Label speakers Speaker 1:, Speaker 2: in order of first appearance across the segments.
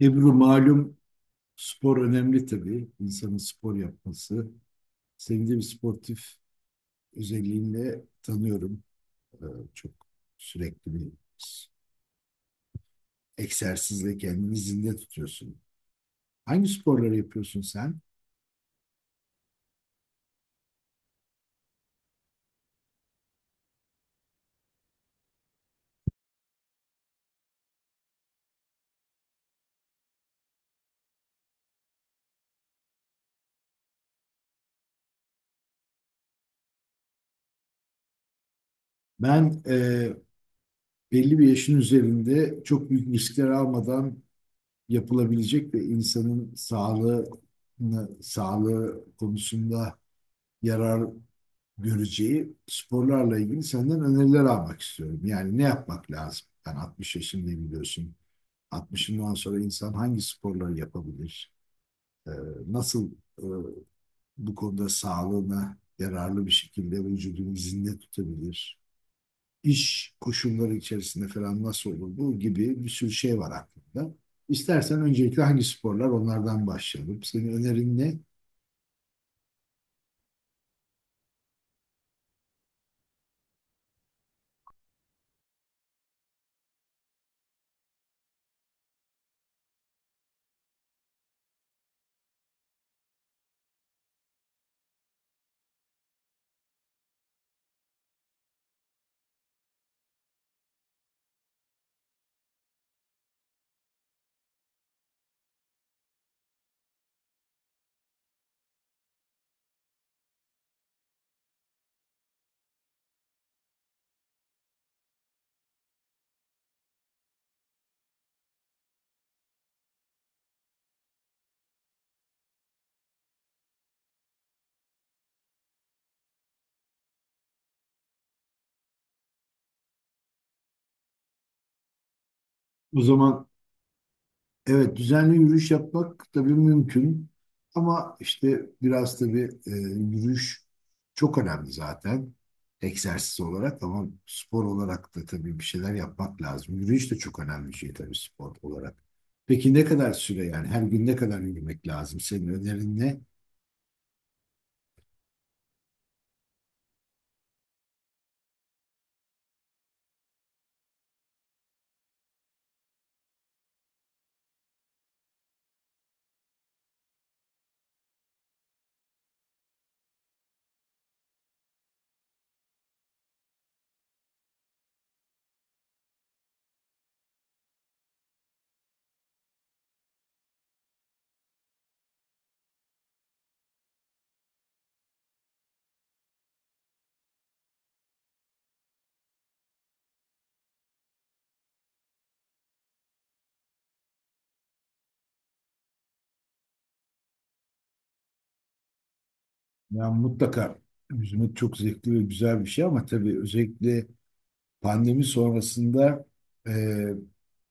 Speaker 1: Ebru malum spor önemli tabii. İnsanın spor yapması. Seni de bir sportif özelliğinle tanıyorum. Ee, çok sürekli bir s- egzersizle kendini zinde tutuyorsun. Hangi sporları yapıyorsun sen? Ben belli bir yaşın üzerinde çok büyük riskler almadan yapılabilecek ve insanın sağlığını, sağlığı konusunda yarar göreceği sporlarla ilgili senden öneriler almak istiyorum. Yani ne yapmak lazım? Ben 60 yaşındayım biliyorsun. 60'ından sonra insan hangi sporları yapabilir? Ee, nasıl e, bu konuda sağlığına yararlı bir şekilde vücudunu zinde tutabilir? İş koşulları içerisinde falan nasıl olur? Bu gibi bir sürü şey var aklımda. İstersen öncelikle hangi sporlar onlardan başlayalım. Senin önerin ne? O zaman evet, düzenli yürüyüş yapmak tabii mümkün ama işte biraz tabii yürüyüş çok önemli zaten egzersiz olarak ama spor olarak da tabii bir şeyler yapmak lazım. Yürüyüş de çok önemli bir şey tabii spor olarak. Peki ne kadar süre yani her gün ne kadar yürümek lazım? Senin önerin ne? Ya mutlaka yüzmek çok zevkli ve güzel bir şey ama tabii özellikle pandemi sonrasında e,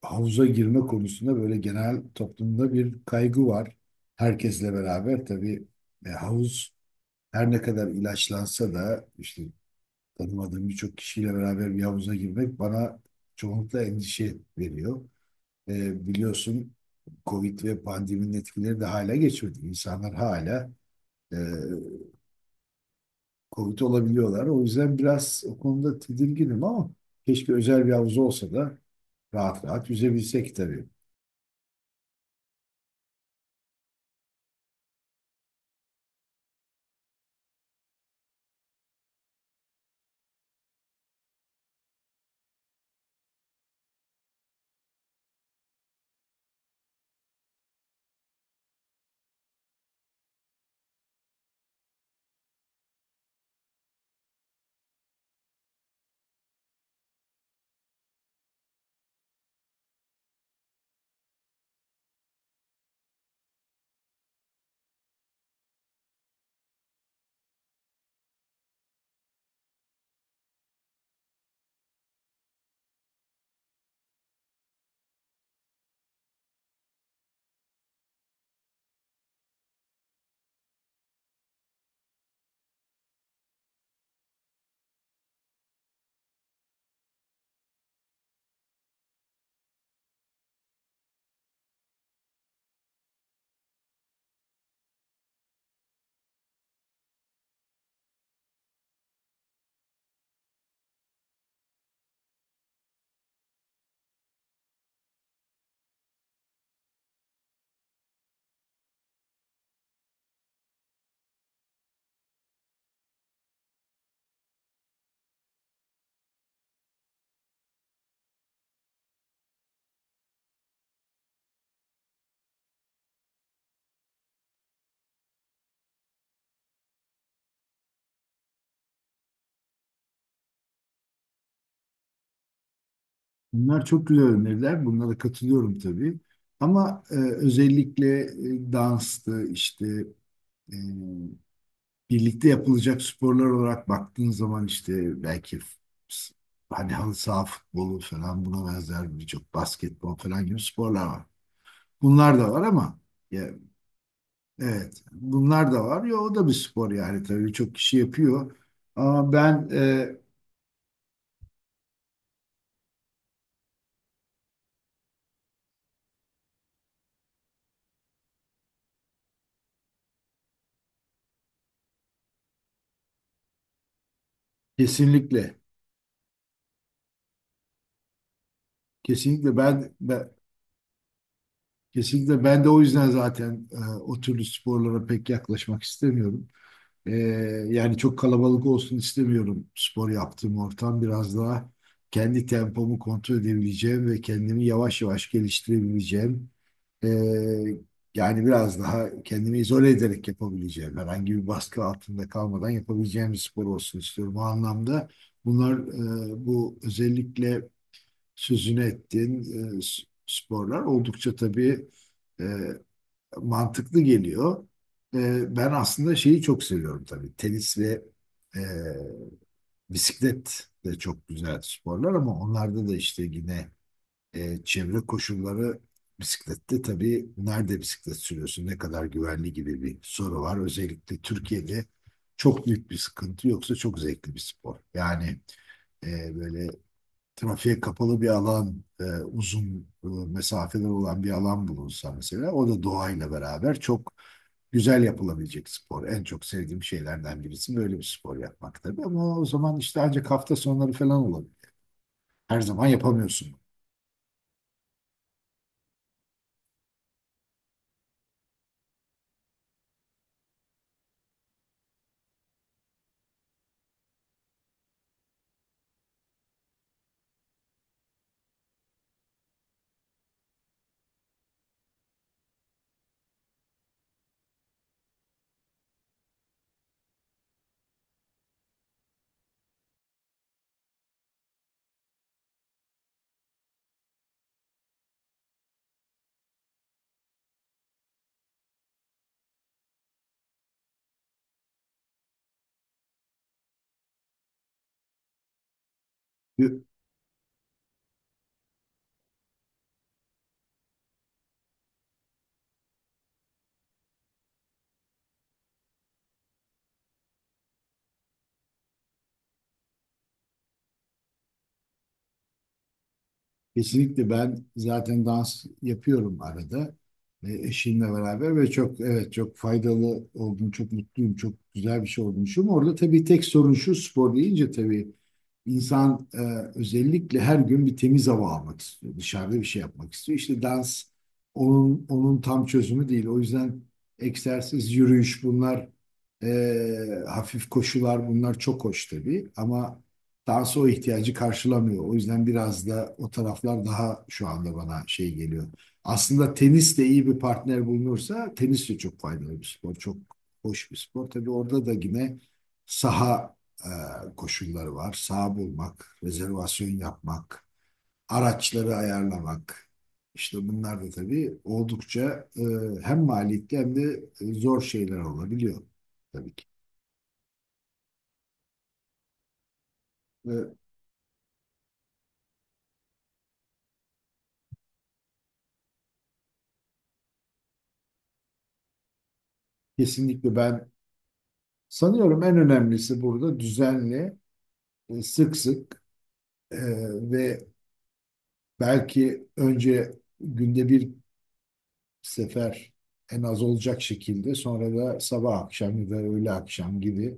Speaker 1: havuza girme konusunda böyle genel toplumda bir kaygı var. Herkesle beraber tabii havuz her ne kadar ilaçlansa da işte tanımadığım birçok kişiyle beraber bir havuza girmek bana çoğunlukla endişe veriyor. Biliyorsun Covid ve pandeminin etkileri de hala geçmedi. İnsanlar hala e, Covid olabiliyorlar. O yüzden biraz o konuda tedirginim ama keşke özel bir havuz olsa da rahat rahat yüzebilsek tabii. Bunlar çok güzel öneriler. Bunlara katılıyorum tabii. Ama özellikle danstı işte e, birlikte yapılacak sporlar olarak baktığın zaman işte belki hani halı saha futbolu falan buna benzer birçok basketbol falan gibi sporlar var. Bunlar da var ama ya, evet, bunlar da var. Ya o da bir spor yani tabii çok kişi yapıyor. Ama ben e, kesinlikle, kesinlikle ben, ben kesinlikle ben de o yüzden zaten o türlü sporlara pek yaklaşmak istemiyorum. Ee, yani çok kalabalık olsun istemiyorum spor yaptığım ortam. Biraz daha kendi tempomu kontrol edebileceğim ve kendimi yavaş yavaş geliştirebileceğim. Ee, yani biraz daha kendimi izole ederek yapabileceğim. Herhangi bir baskı altında kalmadan yapabileceğim bir spor olsun istiyorum. O anlamda bunlar bu özellikle sözünü ettiğin sporlar oldukça tabii e, mantıklı geliyor. E, ben aslında şeyi çok seviyorum tabii. Tenis ve e, bisiklet de çok güzel sporlar ama onlarda da işte yine çevre koşulları bisiklette tabii nerede bisiklet sürüyorsun, ne kadar güvenli gibi bir soru var. Özellikle Türkiye'de çok büyük bir sıkıntı yoksa çok zevkli bir spor. Yani böyle trafiğe kapalı bir alan, uzun mesafeler olan bir alan bulunsa mesela o da doğayla beraber çok güzel yapılabilecek spor. En çok sevdiğim şeylerden birisi böyle bir spor yapmak tabii. Ama o zaman işte ancak hafta sonları falan olabilir. Her zaman yapamıyorsun. Kesinlikle ben zaten dans yapıyorum arada eşimle beraber ve çok evet çok faydalı oldum, çok mutluyum, çok güzel bir şey olmuşum. Orada tabii tek sorun şu spor deyince tabii insan özellikle her gün bir temiz hava almak istiyor, dışarıda bir şey yapmak istiyor. İşte dans onun tam çözümü değil. O yüzden egzersiz, yürüyüş bunlar e, hafif koşular bunlar çok hoş tabii ama dans o ihtiyacı karşılamıyor. O yüzden biraz da o taraflar daha şu anda bana şey geliyor. Aslında tenis de iyi bir partner bulunursa tenis de çok faydalı bir spor. Çok hoş bir spor. Tabii orada da yine saha koşulları var. Saha bulmak, rezervasyon yapmak, araçları ayarlamak. İşte bunlar da tabii oldukça hem maliyetli hem de zor şeyler olabiliyor tabii ki. Ve kesinlikle ben sanıyorum en önemlisi burada düzenli, sık sık e, ve belki önce günde bir sefer en az olacak şekilde sonra da sabah akşam ya da öğle akşam gibi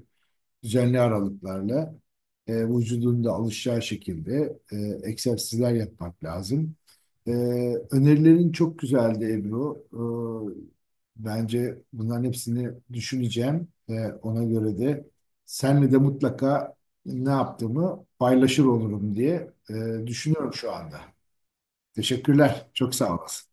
Speaker 1: düzenli aralıklarla vücudun da alışacağı şekilde egzersizler yapmak lazım. E, önerilerin çok güzeldi Ebru. Bence bunların hepsini düşüneceğim ve ona göre de senle de mutlaka ne yaptığımı paylaşır olurum diye düşünüyorum şu anda. Teşekkürler. Çok sağ olasın.